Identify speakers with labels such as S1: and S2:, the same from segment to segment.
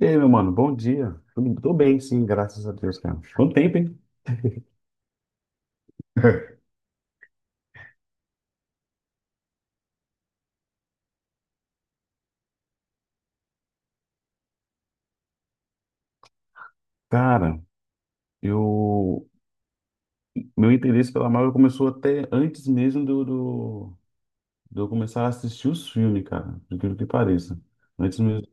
S1: E aí, meu mano, bom dia. Tô bem, sim, graças a Deus, cara. Quanto tempo, hein? Cara, eu... meu interesse pela Marvel começou até antes mesmo de eu começar a assistir os filmes, cara, por incrível que pareça. Antes mesmo...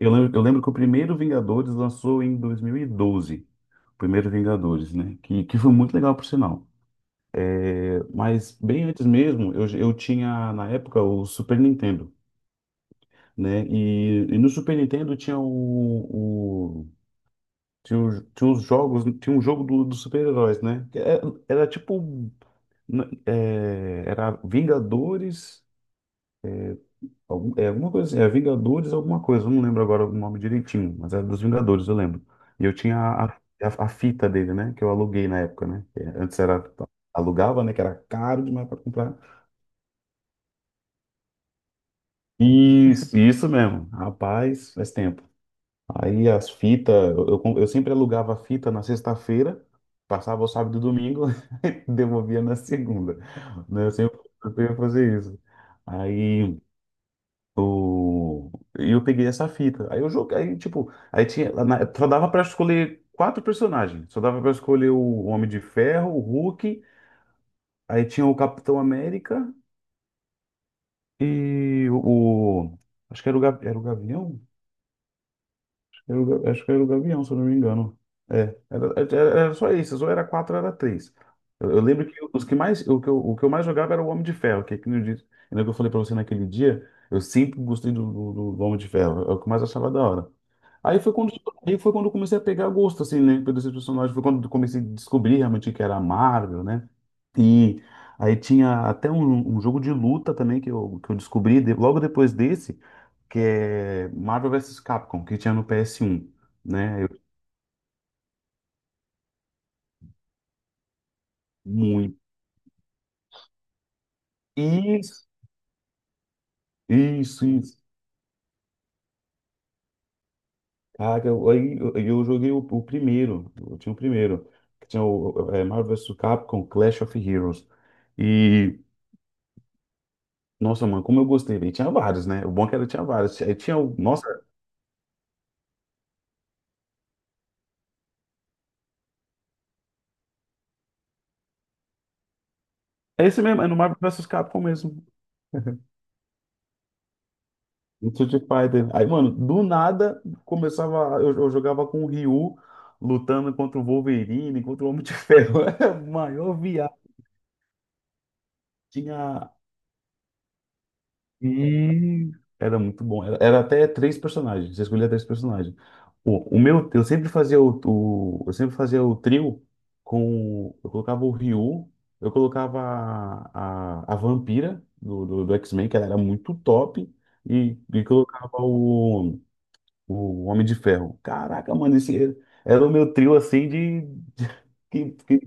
S1: eu lembro que o primeiro Vingadores lançou em 2012, o primeiro Vingadores, né? Que foi muito legal, por sinal. É, mas bem antes mesmo, eu tinha na época o Super Nintendo, né? E no Super Nintendo tinha uns jogos, tinha um jogo dos super-heróis, né? Era, tipo, era Vingadores, alguma coisa assim, é Vingadores alguma coisa, eu não lembro agora o nome direitinho, mas era dos Vingadores, eu lembro. E eu tinha a fita dele, né? Que eu aluguei na época, né? Que antes era. Alugava, né? Que era caro demais pra comprar. Isso mesmo. Rapaz, faz tempo. Aí as fitas, eu sempre alugava a fita na sexta-feira, passava o sábado e domingo, e devolvia na segunda, né? Eu sempre ia fazer isso. Aí o, e eu peguei essa fita. Aí eu joguei, aí, tipo, só dava pra escolher quatro personagens. Só dava pra escolher o Homem de Ferro, o Hulk, aí tinha o Capitão América e o, o- acho que era era o Gavião? Acho que era o Gavião, se eu não me engano. Era só isso, ou era quatro, era três. Eu lembro que o que eu mais jogava era o Homem de Ferro, que aquele dia, lembra que eu falei pra você naquele dia, eu sempre gostei do Homem de Ferro, é o que eu mais achava da hora. Aí foi quando, aí foi quando eu comecei a pegar gosto, assim, né, pelos esses personagens. Foi quando eu comecei a descobrir realmente que era a Marvel, né? E aí tinha até um jogo de luta também que eu descobri logo depois desse, que é Marvel versus Capcom, que tinha no PS1, né? Eu, muito. Isso, isso, isso. Cara, aí eu joguei o primeiro, eu tinha o primeiro, que tinha o Marvel versus Capcom Clash of Heroes. e Nossa, mano, como eu gostei, velho. Tinha vários, né? O bom é que era tinha vários. Aí tinha o. Nossa, é esse mesmo, é no Marvel vs Capcom mesmo. No Street Fighter. Aí, mano, do nada começava. Eu jogava com o Ryu lutando contra o Wolverine, contra o Homem de Ferro. Era a maior viagem. Tinha E era muito bom. Era até três personagens. Você escolhia três personagens. O meu, eu sempre fazia o trio eu colocava o Ryu, eu colocava a vampira do X-Men, que ela era muito top, e colocava o Homem de Ferro. Caraca, mano, esse era o meu trio, assim. Que, que,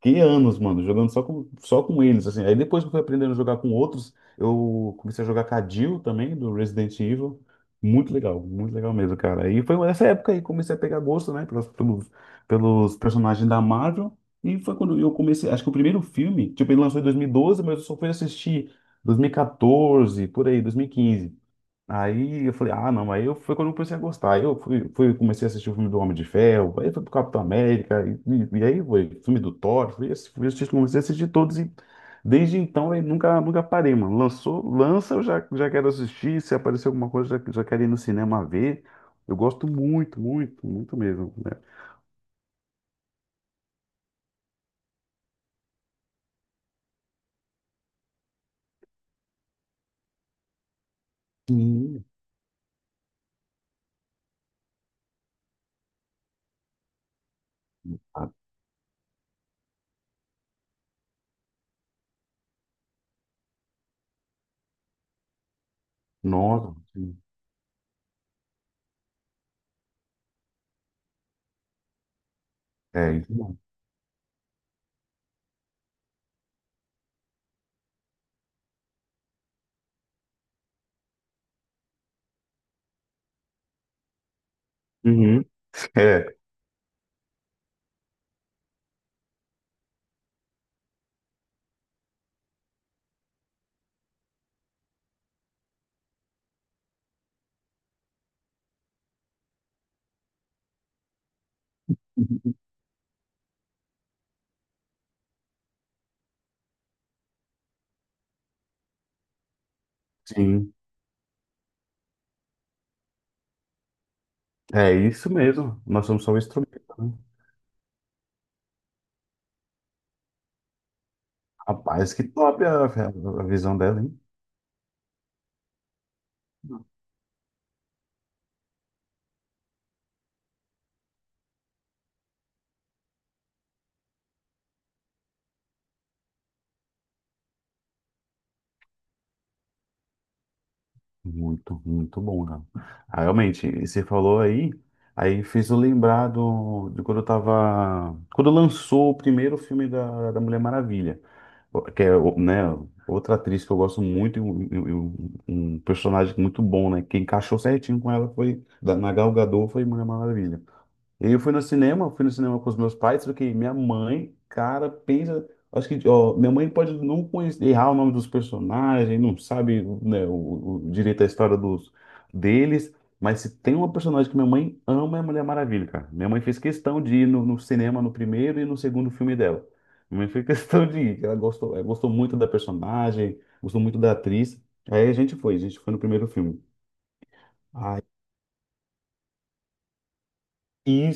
S1: que anos, mano, jogando só com eles, assim. Aí depois que eu fui aprendendo a jogar com outros, eu comecei a jogar com a Jill também, do Resident Evil. Muito legal mesmo, cara. E foi nessa época aí que comecei a pegar gosto, né, pelos, pelos, personagens da Marvel. E foi quando eu comecei, acho que o primeiro filme, tipo, ele lançou em 2012, mas eu só fui assistir 2014, por aí, 2015. Aí eu falei, ah, não, foi quando eu comecei a gostar. Aí eu fui, comecei a assistir o filme do Homem de Ferro, aí foi pro Capitão América, e aí foi filme do Thor, fui assistir, comecei a assistir todos, e desde então eu nunca, parei, mano. Lançou, lança, eu já quero assistir, se aparecer alguma coisa, já quero ir no cinema ver. Eu gosto muito, muito, muito mesmo, né? Sim. Ah, nossa, sim. É isso mesmo. Uhum. É, sim, é isso mesmo. Nós somos só um instrumento, né? Rapaz, que top a visão dela, hein? Muito, muito bom, cara. Ah, realmente, e você falou aí, fez eu lembrar de quando eu tava. Quando lançou o primeiro filme da Mulher Maravilha, né, outra atriz que eu gosto muito e um, e um personagem muito bom, né? Que encaixou certinho com ela foi, na Gal Gadot foi Mulher Maravilha. E eu fui no cinema, com os meus pais, só que minha mãe, cara, pensa. Acho que, ó, minha mãe pode não conhecer, errar o nome dos personagens, não sabe, né, o direito à história deles, mas se tem uma personagem que minha mãe ama, é a Mulher Maravilha, cara. Minha mãe fez questão de ir no cinema no primeiro e no segundo filme dela. Minha mãe fez questão de ir, que ela gostou, muito da personagem, gostou muito da atriz. Aí a gente foi no primeiro filme. Aí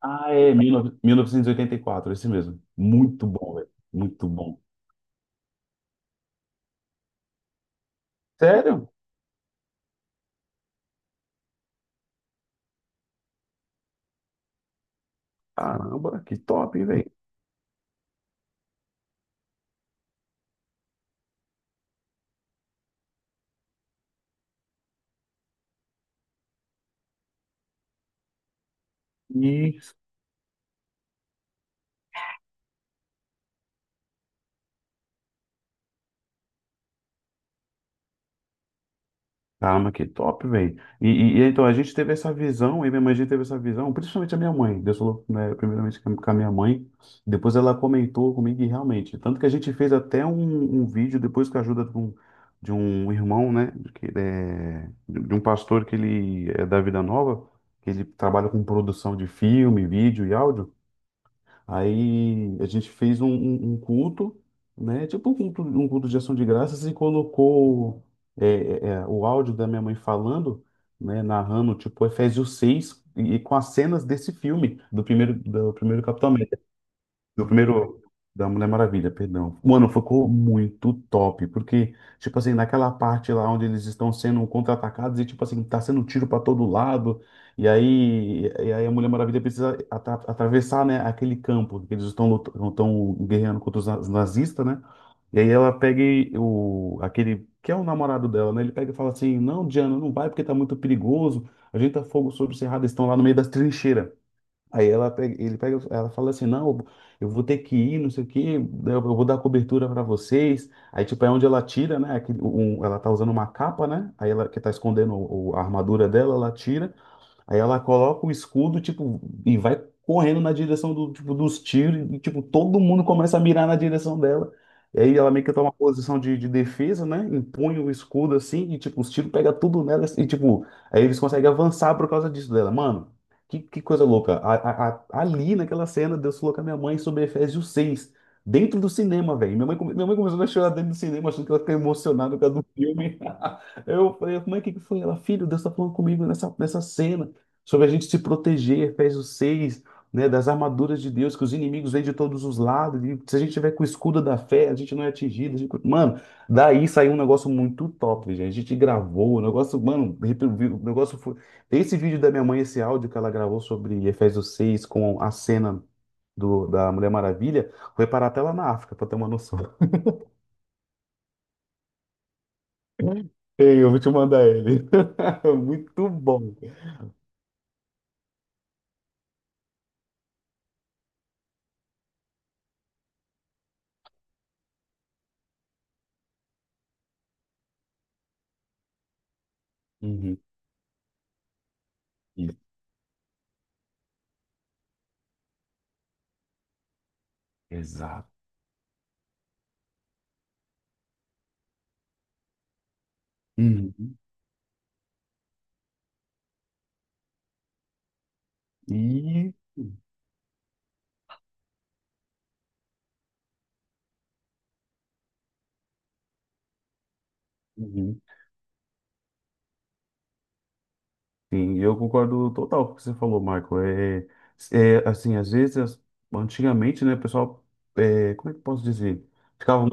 S1: Ah, 19- 1984, esse mesmo. Muito bom, velho. Muito bom. Sério? Caramba, que top, velho. Isso. Caramba, que top, velho. E então, a gente teve essa visão, eu e minha mãe, a gente teve essa visão, principalmente a minha mãe. Deus falou, né, primeiramente com a minha mãe, depois ela comentou comigo e realmente. Tanto que a gente fez até um vídeo, depois com a ajuda de um irmão, né, que ele é, de um pastor que ele é da Vida Nova, que ele trabalha com produção de filme, vídeo e áudio. Aí a gente fez um culto, né? Tipo um culto de ação de graças e colocou o áudio da minha mãe falando, né? Narrando, tipo, Efésios 6 e com as cenas desse filme, do primeiro Capitão América. Meu primeiro da Mulher Maravilha, perdão. Mano, ficou muito top, porque, tipo assim, naquela parte lá onde eles estão sendo contra-atacados e, tipo assim, tá sendo tiro pra todo lado, e aí a Mulher Maravilha precisa atravessar, né, aquele campo que eles estão estão guerreando contra os nazistas, né? E aí ela pega aquele, que é o namorado dela, né? Ele pega e fala assim, não, Diana, não vai porque tá muito perigoso, a gente tá fogo sobre o cerrado, eles estão lá no meio das trincheiras. Aí ela pega, ele pega, ela fala assim, não, eu vou ter que ir, não sei o quê, eu vou dar cobertura para vocês. Aí tipo é onde ela tira, né, ela tá usando uma capa, né? Aí ela que tá escondendo a armadura dela, ela tira. Aí ela coloca o escudo, tipo, e vai correndo na direção tipo, dos tiros, e, tipo, todo mundo começa a mirar na direção dela. E aí ela meio que toma uma posição de defesa, né? Impõe o escudo assim, e, tipo, os tiros pegam tudo nela, e, tipo, aí eles conseguem avançar por causa disso dela. Mano, que coisa louca. Ali naquela cena, Deus falou com a minha mãe sobre Efésios 6 dentro do cinema, velho. Minha mãe começou a chorar dentro do cinema, achando que ela ficou emocionada por causa do filme. Eu falei, mãe, o que que foi? Ela, filho, Deus tá falando comigo nessa cena sobre a gente se proteger, Efésios 6, né, das armaduras de Deus, que os inimigos vêm de todos os lados, e se a gente tiver com o escudo da fé, a gente não é atingido. Mano, daí saiu um negócio muito top, gente. A gente gravou, o negócio, mano, o negócio foi. Esse vídeo da minha mãe, esse áudio que ela gravou sobre Efésios 6 com a cena. Da Mulher Maravilha, foi parar até lá na África, pra ter uma noção. Ei, eu vou te mandar ele. Muito bom. Uhum. Exato. Uhum. E Uhum. Sim, eu concordo total com o que você falou, Marco. É assim, às vezes, antigamente, né, o pessoal, como é que eu posso dizer? Ficava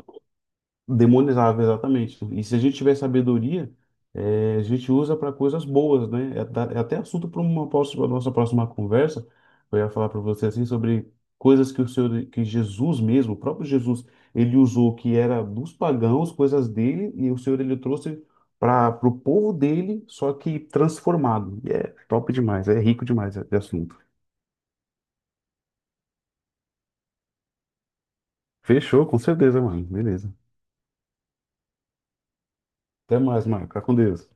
S1: demonizável, exatamente. E se a gente tiver sabedoria, a gente usa para coisas boas, né? É até assunto para uma próxima, nossa próxima conversa. Eu ia falar para você assim sobre coisas que o Senhor, que Jesus mesmo, o próprio Jesus, ele usou que era dos pagãos, coisas dele, e o Senhor ele trouxe para o povo dele, só que transformado. E é top demais, é rico demais de assunto. Fechou, com certeza, mano. Beleza. Até mais, Marco. Fica com Deus.